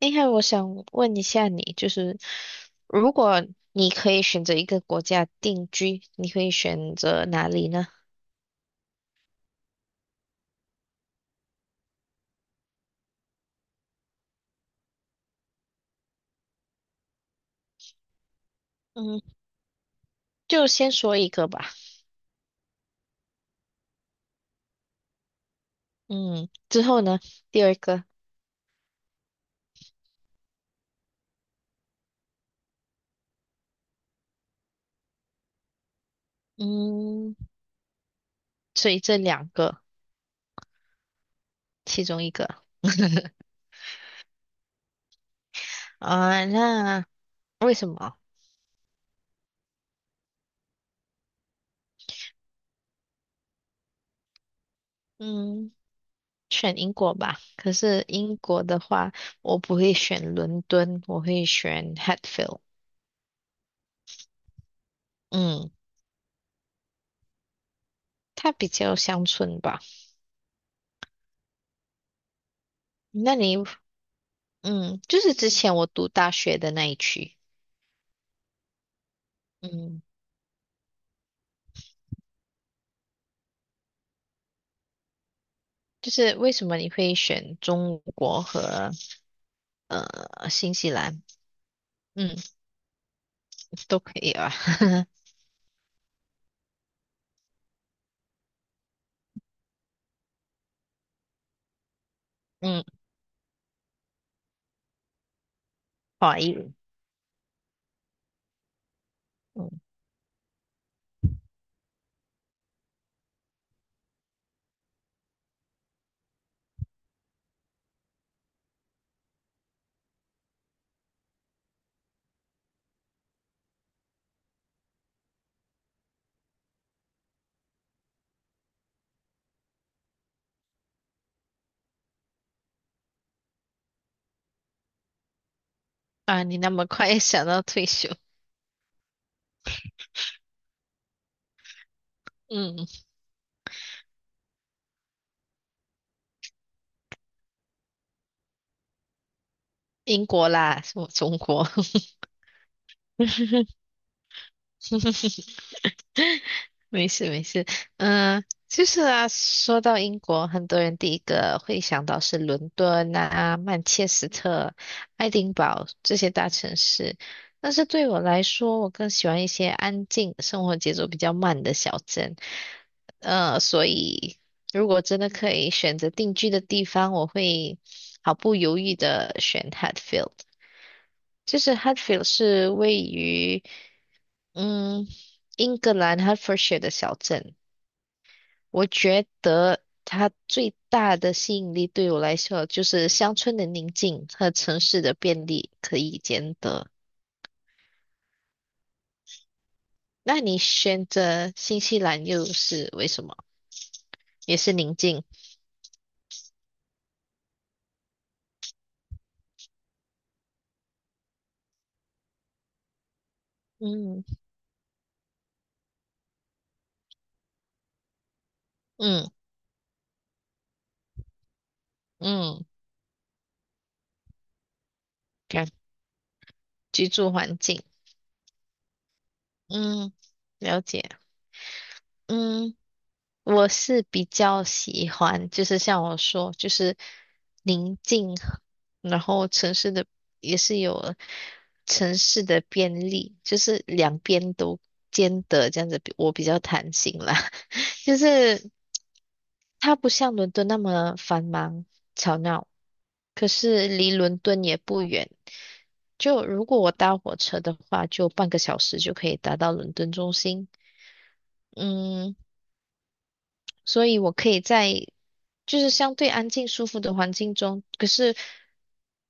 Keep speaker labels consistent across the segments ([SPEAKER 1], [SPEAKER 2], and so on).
[SPEAKER 1] 哎，还有我想问一下你，就是如果你可以选择一个国家定居，你会选择哪里呢？嗯，就先说一个吧。嗯，之后呢，第二个，嗯，所以这两个其中一个 啊，那为什么？嗯，选英国吧。可是英国的话，我不会选伦敦，我会选 Hatfield。嗯，它比较乡村吧。那你嗯，就是之前我读大学的那一区，嗯，就是为什么你会选中国和新西兰？嗯，都可以啊，嗯，华裔，嗯啊，你那么快 想到退休，嗯，英国啦，什么中国？没事没事，嗯、就是啊，说到英国，很多人第一个会想到是伦敦啊、曼彻斯特、爱丁堡这些大城市，但是对我来说，我更喜欢一些安静、生活节奏比较慢的小镇。所以如果真的可以选择定居的地方，我会毫不犹豫的选 Hatfield。就是 Hatfield 是位于。嗯，英格兰 Hertfordshire 的小镇，我觉得它最大的吸引力对我来说就是乡村的宁静和城市的便利可以兼得。那你选择新西兰又是为什么？也是宁静。嗯嗯嗯，看居住环境。嗯，了解。嗯。我是比较喜欢，就是像我说，就是宁静，然后城市的也是有城市的便利，就是两边都兼得这样子，我比较弹性啦。就是它不像伦敦那么繁忙吵闹，可是离伦敦也不远。就如果我搭火车的话，就半个小时就可以达到伦敦中心。嗯，所以我可以在就是相对安静舒服的环境中。可是，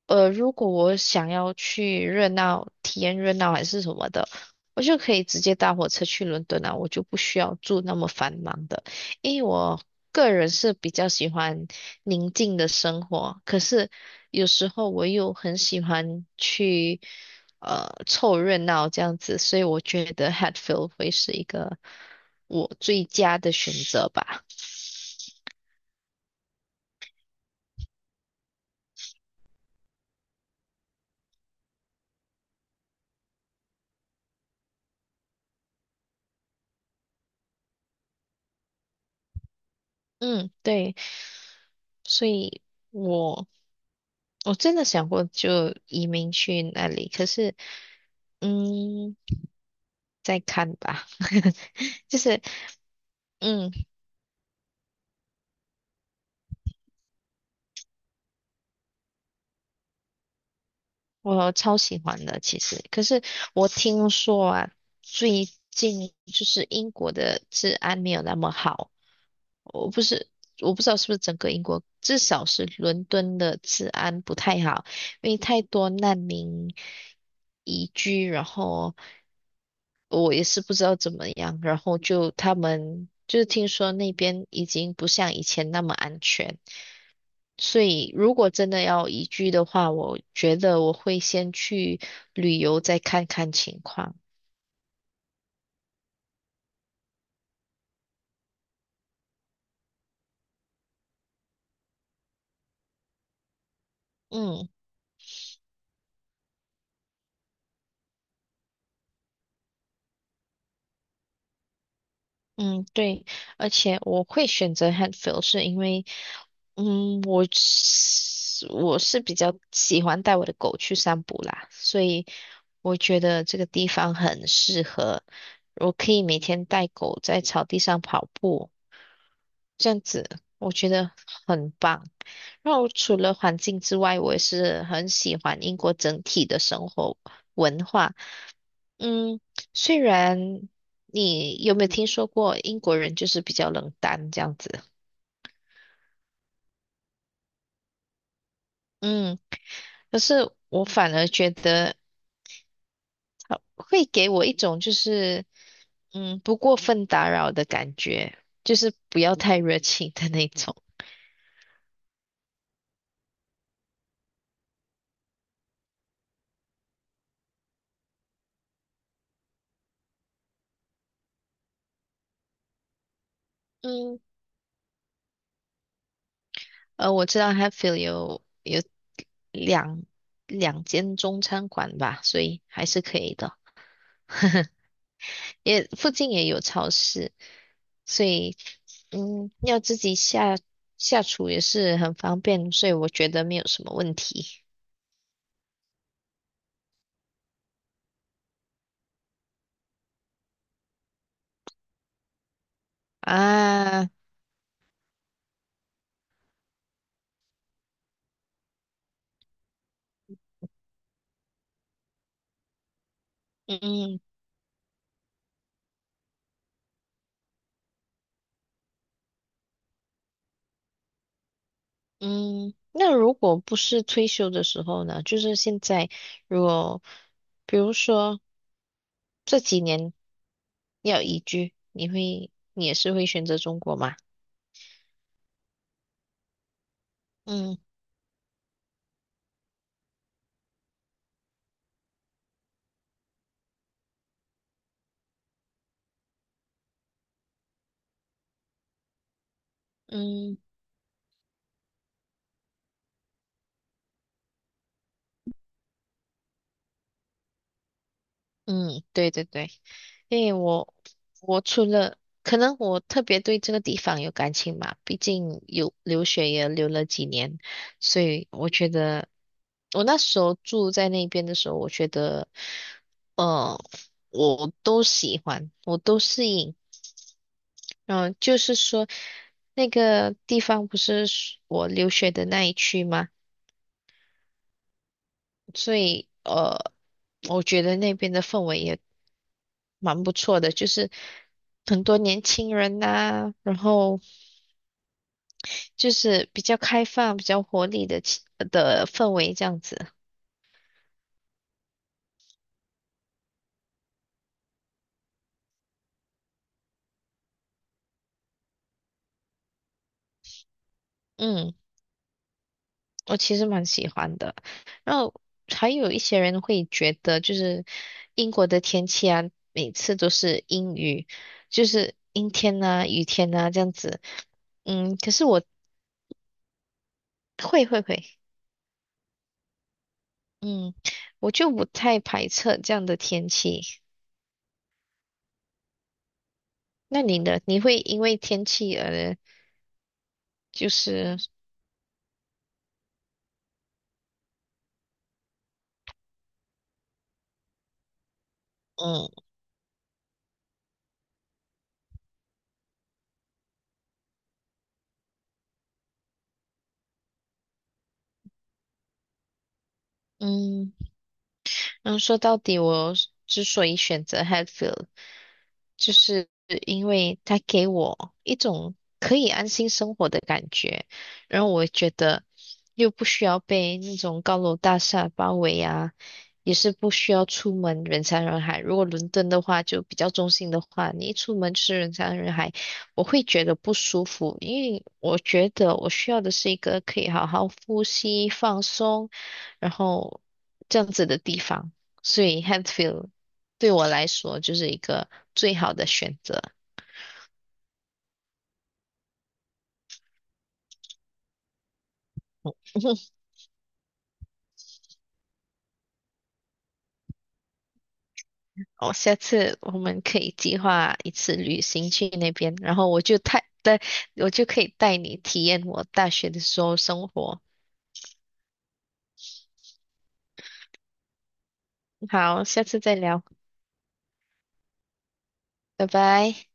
[SPEAKER 1] 如果我想要去热闹，体验热闹还是什么的，我就可以直接搭火车去伦敦啊，我就不需要住那么繁忙的。因为我个人是比较喜欢宁静的生活，可是有时候我又很喜欢去。凑热闹这样子，所以我觉得 Hatfield 会是一个我最佳的选择吧。嗯，对，所以我我真的想过就移民去那里，可是嗯，再看吧，就是嗯，我超喜欢的，其实。可是我听说啊，最近就是英国的治安没有那么好。我不是，我不知道是不是整个英国，至少是伦敦的治安不太好，因为太多难民移居，然后我也是不知道怎么样，然后就他们就是听说那边已经不像以前那么安全。所以，如果真的要移居的话，我觉得我会先去旅游，再看看情况。嗯嗯，对，而且我会选择 Hatfield，是因为，我是比较喜欢带我的狗去散步啦，所以我觉得这个地方很适合，我可以每天带狗在草地上跑步，这样子我觉得很棒。然后除了环境之外，我也是很喜欢英国整体的生活文化。嗯，虽然你有没有听说过英国人就是比较冷淡这样子？嗯，可是我反而觉得会给我一种就是不过分打扰的感觉，就是不要太热情的那种。嗯，我知道 h a t f i e l 有两两间中餐馆吧，所以还是可以的。也附近也有超市，所以要自己下厨也是很方便，所以我觉得没有什么问题啊。嗯嗯，那如果不是退休的时候呢？就是现在，如果比如说这几年要移居，你也是会选择中国吗？嗯。嗯嗯，对对对，因为我除了可能我特别对这个地方有感情嘛，毕竟有留学也留了几年，所以我觉得我那时候住在那边的时候，我觉得，呃，我都喜欢，我都适应。就是说那个地方不是我留学的那一区吗？所以我觉得那边的氛围也蛮不错的，就是很多年轻人呐、然后就是比较开放、比较活力的氛围这样子。嗯，我其实蛮喜欢的。然后还有一些人会觉得，就是英国的天气啊，每次都是阴雨，就是阴天呐、雨天呐、这样子。嗯，可是我会会会。嗯，我就不太排斥这样的天气。那你呢？你会因为天气而就是嗯嗯然后说到底，我之所以选择 Hatfield，就是因为它给我一种可以安心生活的感觉，然后我觉得又不需要被那种高楼大厦包围啊，也是不需要出门人山人海。如果伦敦的话，就比较中心的话，你一出门就是人山人海，我会觉得不舒服，因为我觉得我需要的是一个可以好好呼吸、放松，然后这样子的地方。所以 Hatfield 对我来说就是一个最好的选择。哦，下次我们可以计划一次旅行去那边，然后我就可以带你体验我大学的时候生活。好，下次再聊，拜拜。